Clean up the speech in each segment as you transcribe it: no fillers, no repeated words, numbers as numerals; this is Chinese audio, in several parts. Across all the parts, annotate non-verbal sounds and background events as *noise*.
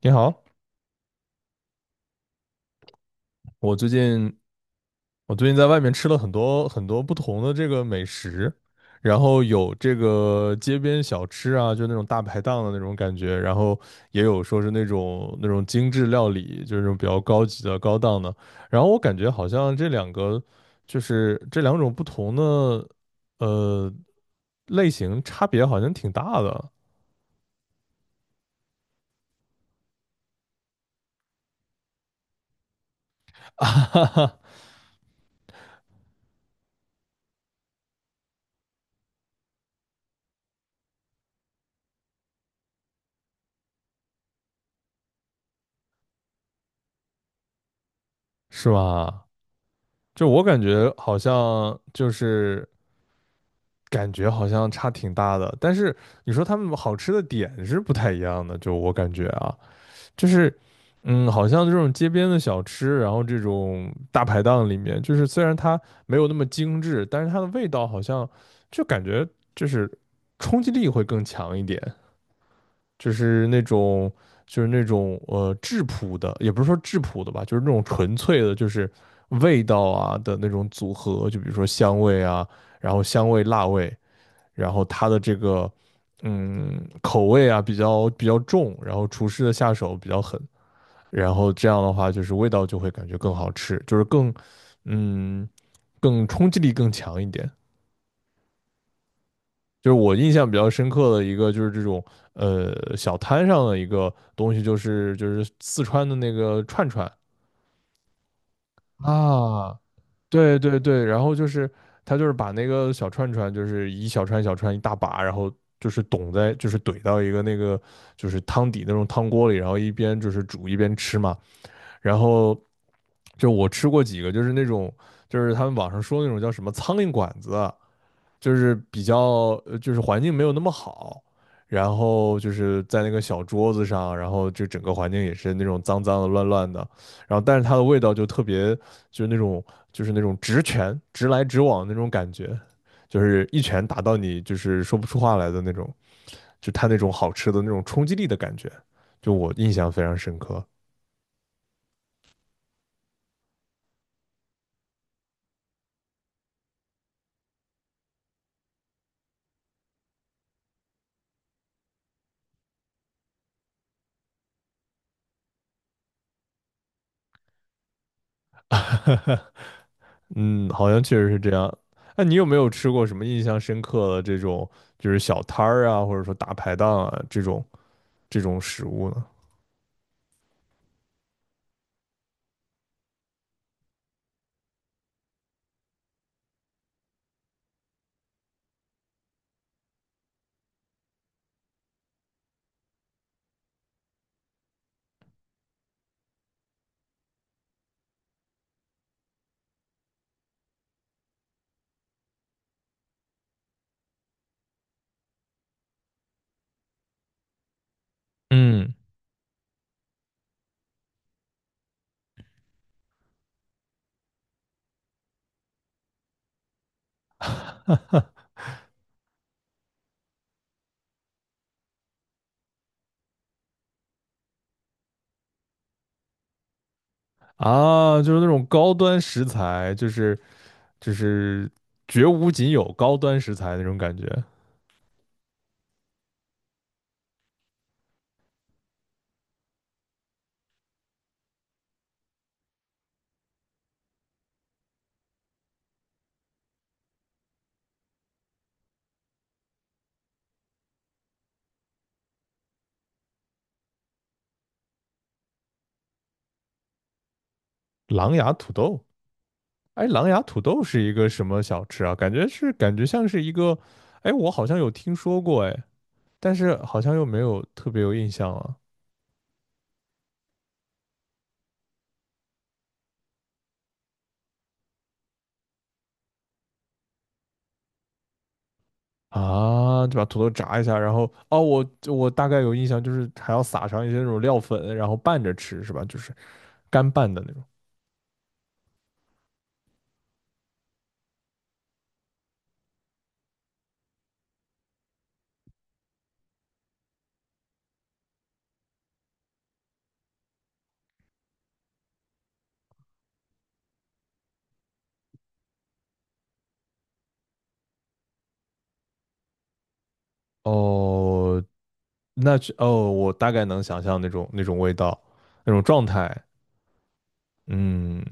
你好，我最近我最近在外面吃了很多很多不同的这个美食，然后有这个街边小吃啊，就那种大排档的那种感觉，然后也有说是那种精致料理，就是那种比较高级的高档的。然后我感觉好像这两个就是这两种不同的呃类型差别好像挺大的，*laughs* 是吧？就我感觉好像就是。感觉好像差挺大的，但是你说他们好吃的点是不太一样的，就我感觉啊，就是，好像这种街边的小吃，然后这种大排档里面，就是虽然它没有那么精致，但是它的味道好像就感觉就是冲击力会更强一点，就是那种就是那种质朴的，也不是说质朴的吧，就是那种纯粹的，就是味道啊的那种组合，就比如说香味啊，然后香味辣味。然后它的这个口味啊比较重，然后厨师的下手比较狠，然后这样的话就是味道就会感觉更好吃，就是更嗯更冲击力更强一点。就是我印象比较深刻的一个，就是这种小摊上的一个东西，就是四川的那个串串啊，对对对，然后就是他就是把那个小串串，就是一小串小串一大把，然后就是懂在就是怼到一个那个就是汤底那种汤锅里，然后一边就是煮一边吃嘛。然后就我吃过几个，就是那种就是他们网上说那种叫什么苍蝇馆子，就是比较就是环境没有那么好，然后就是在那个小桌子上，然后就整个环境也是那种脏脏的、乱乱的，然后但是它的味道就特别就是那种就是那种直拳直来直往那种感觉，就是一拳打到你就是说不出话来的那种，就它那种好吃的那种冲击力的感觉，就我印象非常深刻 *laughs*。嗯，好像确实是这样。那你有没有吃过什么印象深刻的这种，就是小摊儿啊，或者说大排档啊这种食物呢？嗯啊，就是那种高端食材，就是绝无仅有高端食材那种感觉。狼牙土豆，哎，狼牙土豆是一个什么小吃啊？感觉是感觉像是一个，哎，我好像有听说过，哎，但是好像又没有特别有印象了。啊，就把土豆炸一下，然后哦，我大概有印象，就是还要撒上一些那种料粉，然后拌着吃，是吧？就是干拌的那种。哦，那是哦，我大概能想象那种味道，那种状态。嗯，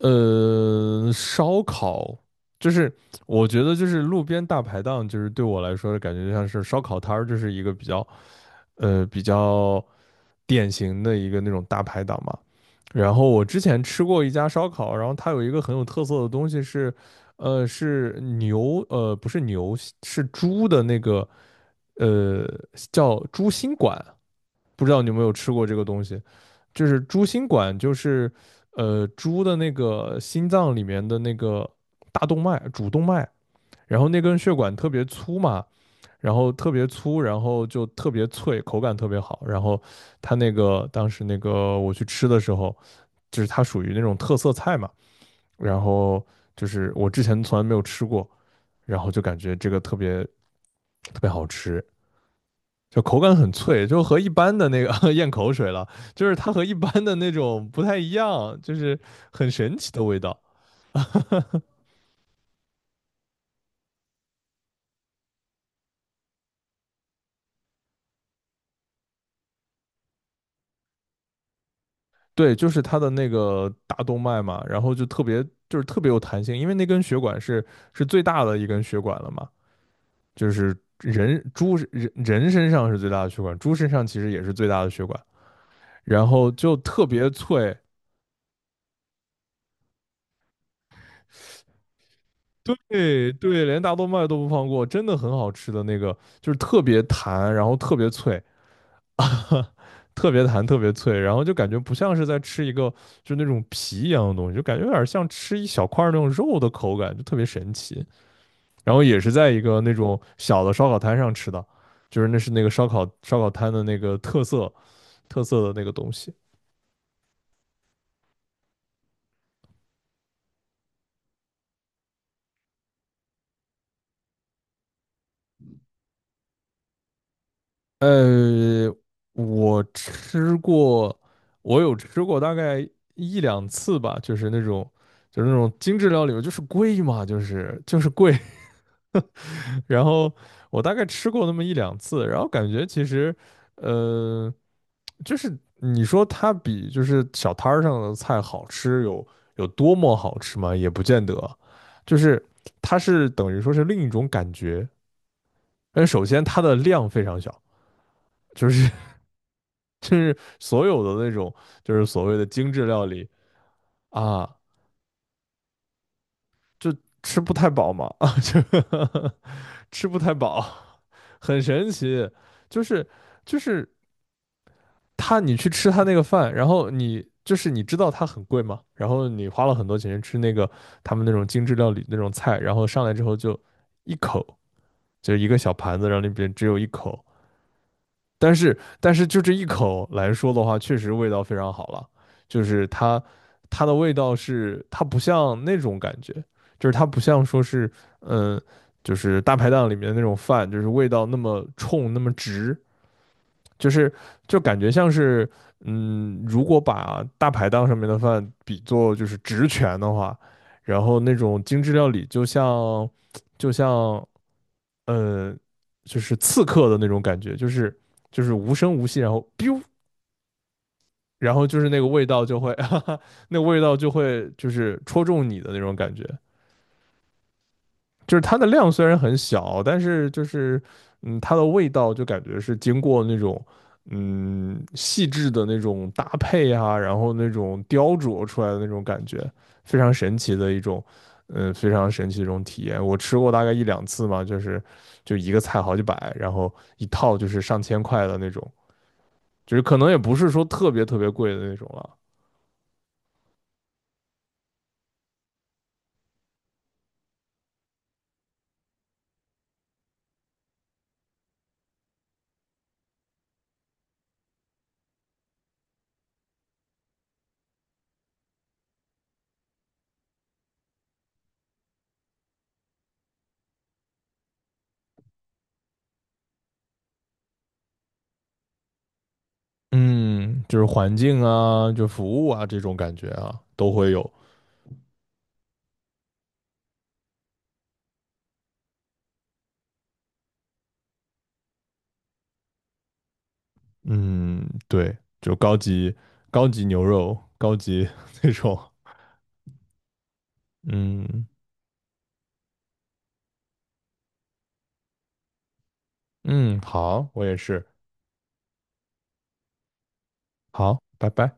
烧烤就是我觉得就是路边大排档，就是对我来说感觉就像是烧烤摊儿，就是一个比较典型的一个那种大排档嘛。然后我之前吃过一家烧烤，然后它有一个很有特色的东西是，是牛，不是牛，是猪的那个，呃，叫猪心管。不知道你有没有吃过这个东西，就是猪心管，就是猪的那个心脏里面的那个大动脉主动脉，然后那根血管特别粗嘛，然后特别粗，然后就特别脆，口感特别好。然后它那个当时那个我去吃的时候，就是它属于那种特色菜嘛，然后就是我之前从来没有吃过，然后就感觉这个特别特别好吃，就口感很脆，就和一般的那个 *laughs* 咽口水了，就是它和一般的那种不太一样，就是很神奇的味道。对，就是它的那个大动脉嘛，然后就特别就是特别有弹性，因为那根血管是最大的一根血管了嘛，就是人猪人人身上是最大的血管，猪身上其实也是最大的血管，然后就特别脆。对对，连大动脉都不放过，真的很好吃的那个，就是特别弹，然后特别脆，*laughs* 特别弹，特别脆，然后就感觉不像是在吃一个就那种皮一样的东西，就感觉有点像吃一小块那种肉的口感，就特别神奇。然后也是在一个那种小的烧烤摊上吃的，就是那是那个烧烤摊的那个特色的那个东西。呃，我吃过，我有吃过大概一两次吧，就是那种精致料理，就是贵嘛，就是贵，然后我大概吃过那么一两次，然后感觉其实，呃，就是你说它比就是小摊儿上的菜好吃有多么好吃吗？也不见得，就是它是等于说是另一种感觉。但首先它的量非常小，就是 *laughs* 就是所有的那种就是所谓的精致料理啊，就吃不太饱嘛，*laughs* 啊，就 *laughs* 吃不太饱，很神奇，就是就是。他你去吃他那个饭，然后你就是你知道它很贵嘛，然后你花了很多钱吃那个他们那种精致料理那种菜，然后上来之后就一口，就一个小盘子，然后里边只有一口，但是就这一口来说的话，确实味道非常好了，就是它的味道是它不像那种感觉，就是它不像说是嗯。就是大排档里面的那种饭，就是味道那么冲那么直，就是就感觉像是，如果把大排档上面的饭比作就是职权的话，然后那种精致料理就像呃，就是刺客的那种感觉，就是无声无息，然后 biu，然后就是那个味道就会，*laughs* 哈哈，那个味道就会就是戳中你的那种感觉。就是它的量虽然很小，但是就是它的味道就感觉是经过那种细致的那种搭配啊，然后那种雕琢出来的那种感觉，非常神奇的一种非常神奇的一种体验。我吃过大概一两次嘛，就是就一个菜好几百，然后一套就是上千块的那种，就是可能也不是说特别特别贵的那种了。嗯，就是环境啊，就服务啊这种感觉啊，都会有。嗯，对，就高级牛肉，高级 *laughs* 那种。嗯嗯，好，我也是。好，拜拜。